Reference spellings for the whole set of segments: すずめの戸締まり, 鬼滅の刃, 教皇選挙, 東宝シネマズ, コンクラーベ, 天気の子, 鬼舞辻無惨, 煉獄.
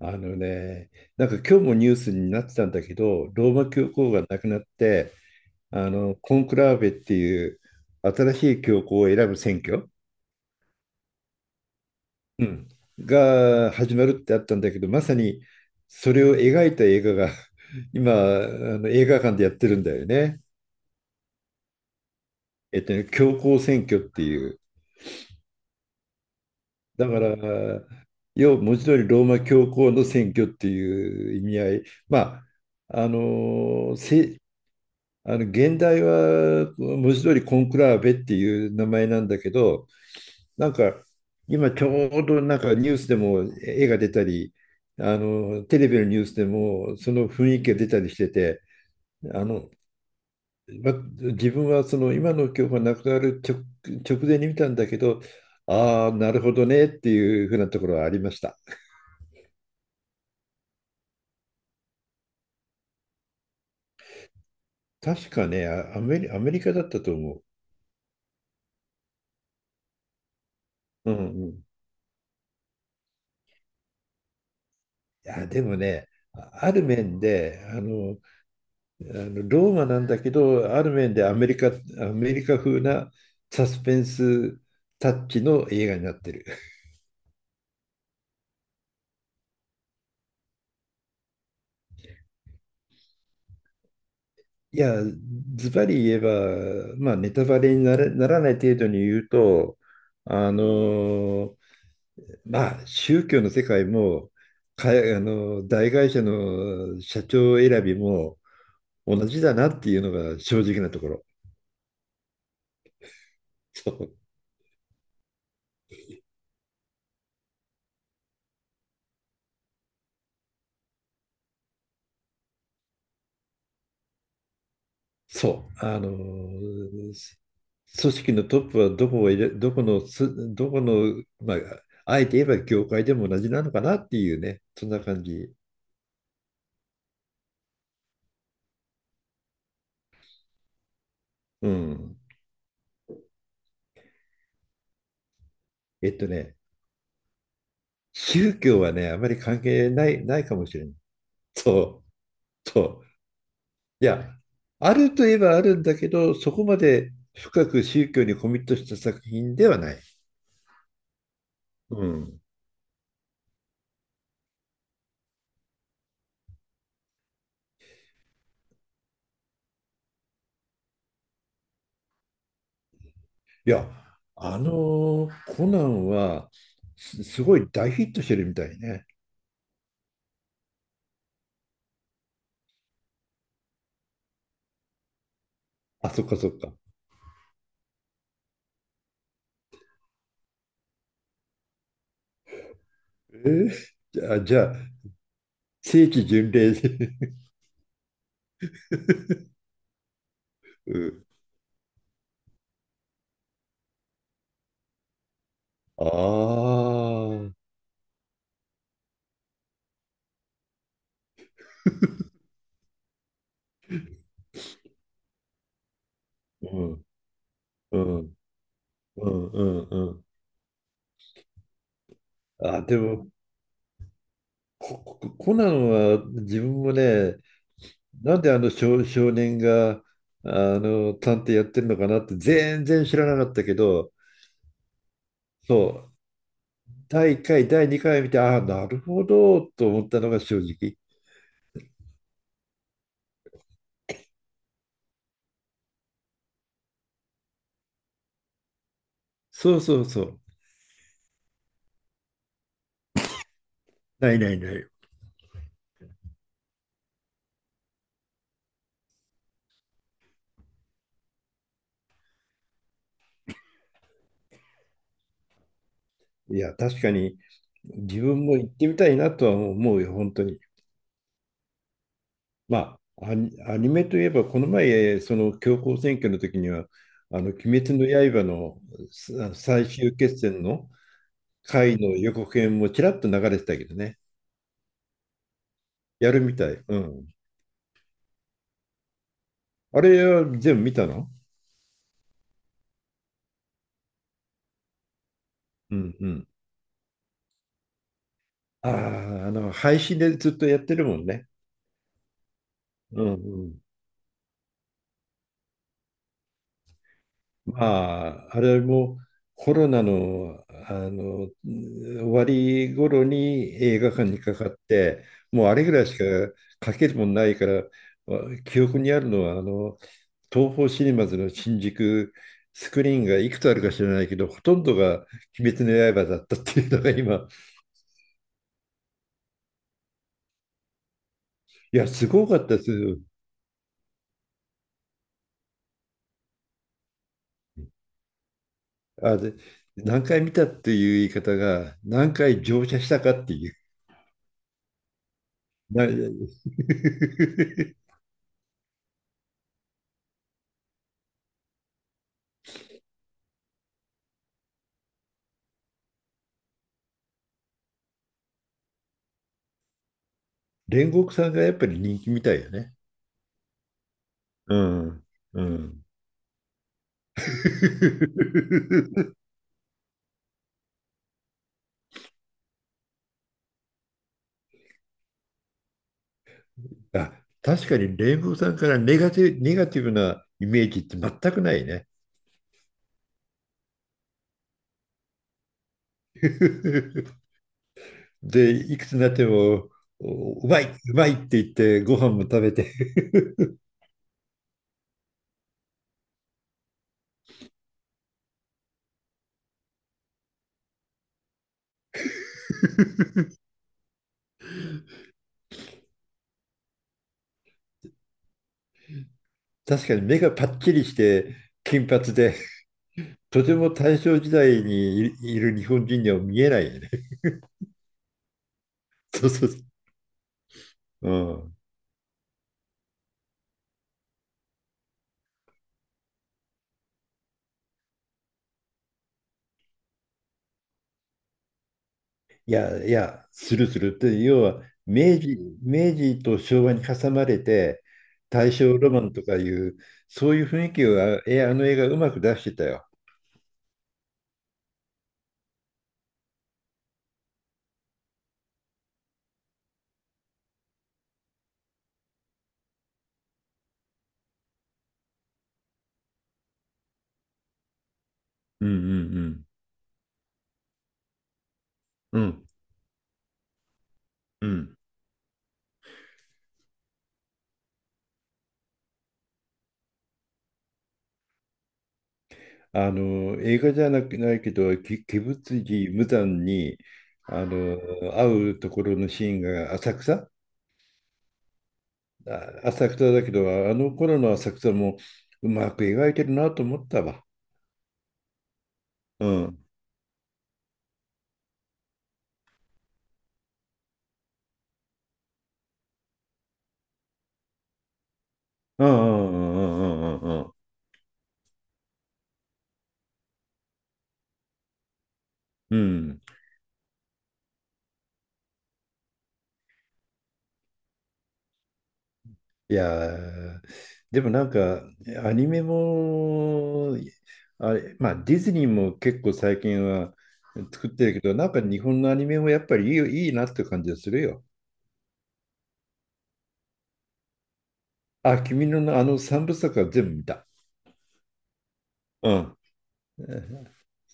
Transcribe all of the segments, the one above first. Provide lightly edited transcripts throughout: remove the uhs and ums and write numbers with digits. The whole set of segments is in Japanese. あのね、なんか今日もニュースになってたんだけど、ローマ教皇が亡くなって、あのコンクラーベっていう新しい教皇を選ぶ選挙、うん、が始まるってあったんだけど、まさにそれを描いた映画が 今、あの映画館でやってるんだよね。教皇選挙っていう。だから、要は文字通りローマ教皇の選挙っていう意味合い。まああのせあの現代は文字通りコンクラーベっていう名前なんだけど、なんか今ちょうどなんかニュースでも絵が出たり、あのテレビのニュースでもその雰囲気が出たりしてて、あのま自分はその今の教科がなくなる直、直前に見たんだけど、ああ、なるほどねっていうふうなところはありました。確かね、アメリカだったと思う。うんうん。いや、でもね、あある面で、あの、あのローマなんだけど、ある面でアメリカ風なサスペンスタッチの映画になってる。いや、ズバリ言えば、まあ、ネタバレになら、ならない程度に言うと、あのまあ、宗教の世界も、かあの大会社の社長選びも同じだなっていうのが正直なところ。そうそう、あの、組織のトップはどこを入れ、どこのす、どこの、まあ、あえて言えば業界でも同じなのかなっていうね、そんな感じ。うん。えっとね、宗教はね、あまり関係ない、ないかもしれない。そう、そう。いや、あるといえばあるんだけど、そこまで深く宗教にコミットした作品ではない。うん。いや、あのコナンはすごい大ヒットしてるみたいね。あ、そっかそっか。えー、じゃあ、正規巡礼で うん。ああ、うん、うん、うん、うん、うん。あ、でも、コナンは自分もね、なんであの少年があの探偵やってるのかなって全然知らなかったけど、そう、第1回、第2回見て、ああ、なるほどと思ったのが正直。そうそうそう。ないないない。いや、確かに自分も行ってみたいなとは思うよ、本当に。まあ、アニメといえば、この前、その強行選挙の時には、あの、鬼滅の刃の最終決戦の回の予告編もちらっと流れてたけどね。やるみたい。うん。あれは全部見たの？うんうん。ああ、あの、配信でずっとやってるもんね。うんうん。まあ、あれもコロナの、あの終わり頃に映画館にかかって、もうあれぐらいしか書けるもんないから、記憶にあるのはあの東宝シネマズの新宿スクリーンがいくつあるか知らないけど、ほとんどが「鬼滅の刃」だったっていうのが今、いや、すごかったですよ。あ、で、何回見たっていう言い方が、何回乗車したかっていう。な 煉獄さんがやっぱり人気みたいよね。うん。うん。あ、確かに煉獄さんからネガティブなイメージって全くないね。で、いくつになっても、うまい、うまいって言ってご飯も食べて。確かに目がパッチリして金髪で、とても大正時代にいる日本人には見えないよね。そうそうそう。うん。いやいや、するするって、要は明治と昭和に挟まれて、大正ロマンとかいう、そういう雰囲気をあの映画うまく出してたよ。うんうんうん。うんうん。あの、映画じゃなくないけど、鬼舞辻無惨にあの会うところのシーンが浅草だけど、あの頃の浅草もうまく描いてるなと思ったわ。うん。うんうんうんうんうんうんうん。うん。いやー、でもなんか、アニメも、あれ、まあ、ディズニーも結構最近は作ってるけど、なんか日本のアニメもやっぱりいいよ、いいなって感じがするよ。あ、君のあの三部作は全部見た。うん。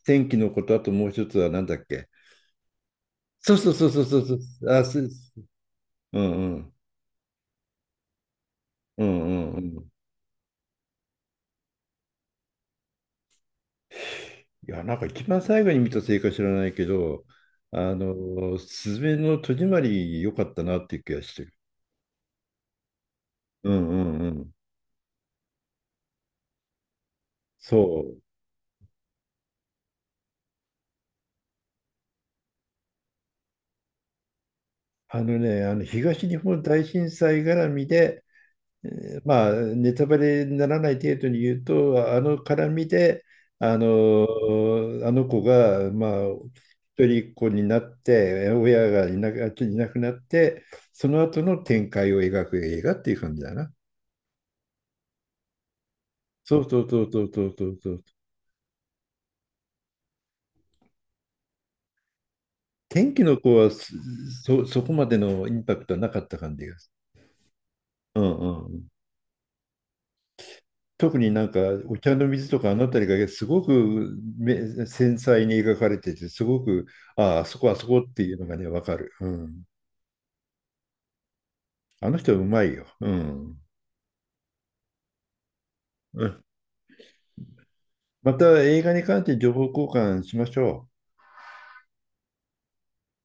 天気のこと、あともう一つはなんだっけ。そうそうそうそうそうそう。あ、そうそう。うんうん。うんうんうん。いや、なんか一番最後に見たせいか知らないけど、あの、すずめの戸締まり良かったなっていう気がしてる。うんうんうん。そう。あのね、あの東日本大震災絡みで、えーまあ、ネタバレにならない程度に言うと、あの絡みで、あの、あの子が、まあ、一人っ子になって、親がいなく、いなくなって、その後の展開を描く映画っていう感じだな。そうそうそうそうそうそうそう。天気の子はそこまでのインパクトはなかった感じがする。うんうん。特になんかお茶の水とかあの辺りがすごく繊細に描かれててすごくああそこあそこっていうのがね分かる、うん、あの人うまいよ、うんうん。また映画に関して情報交換しましょう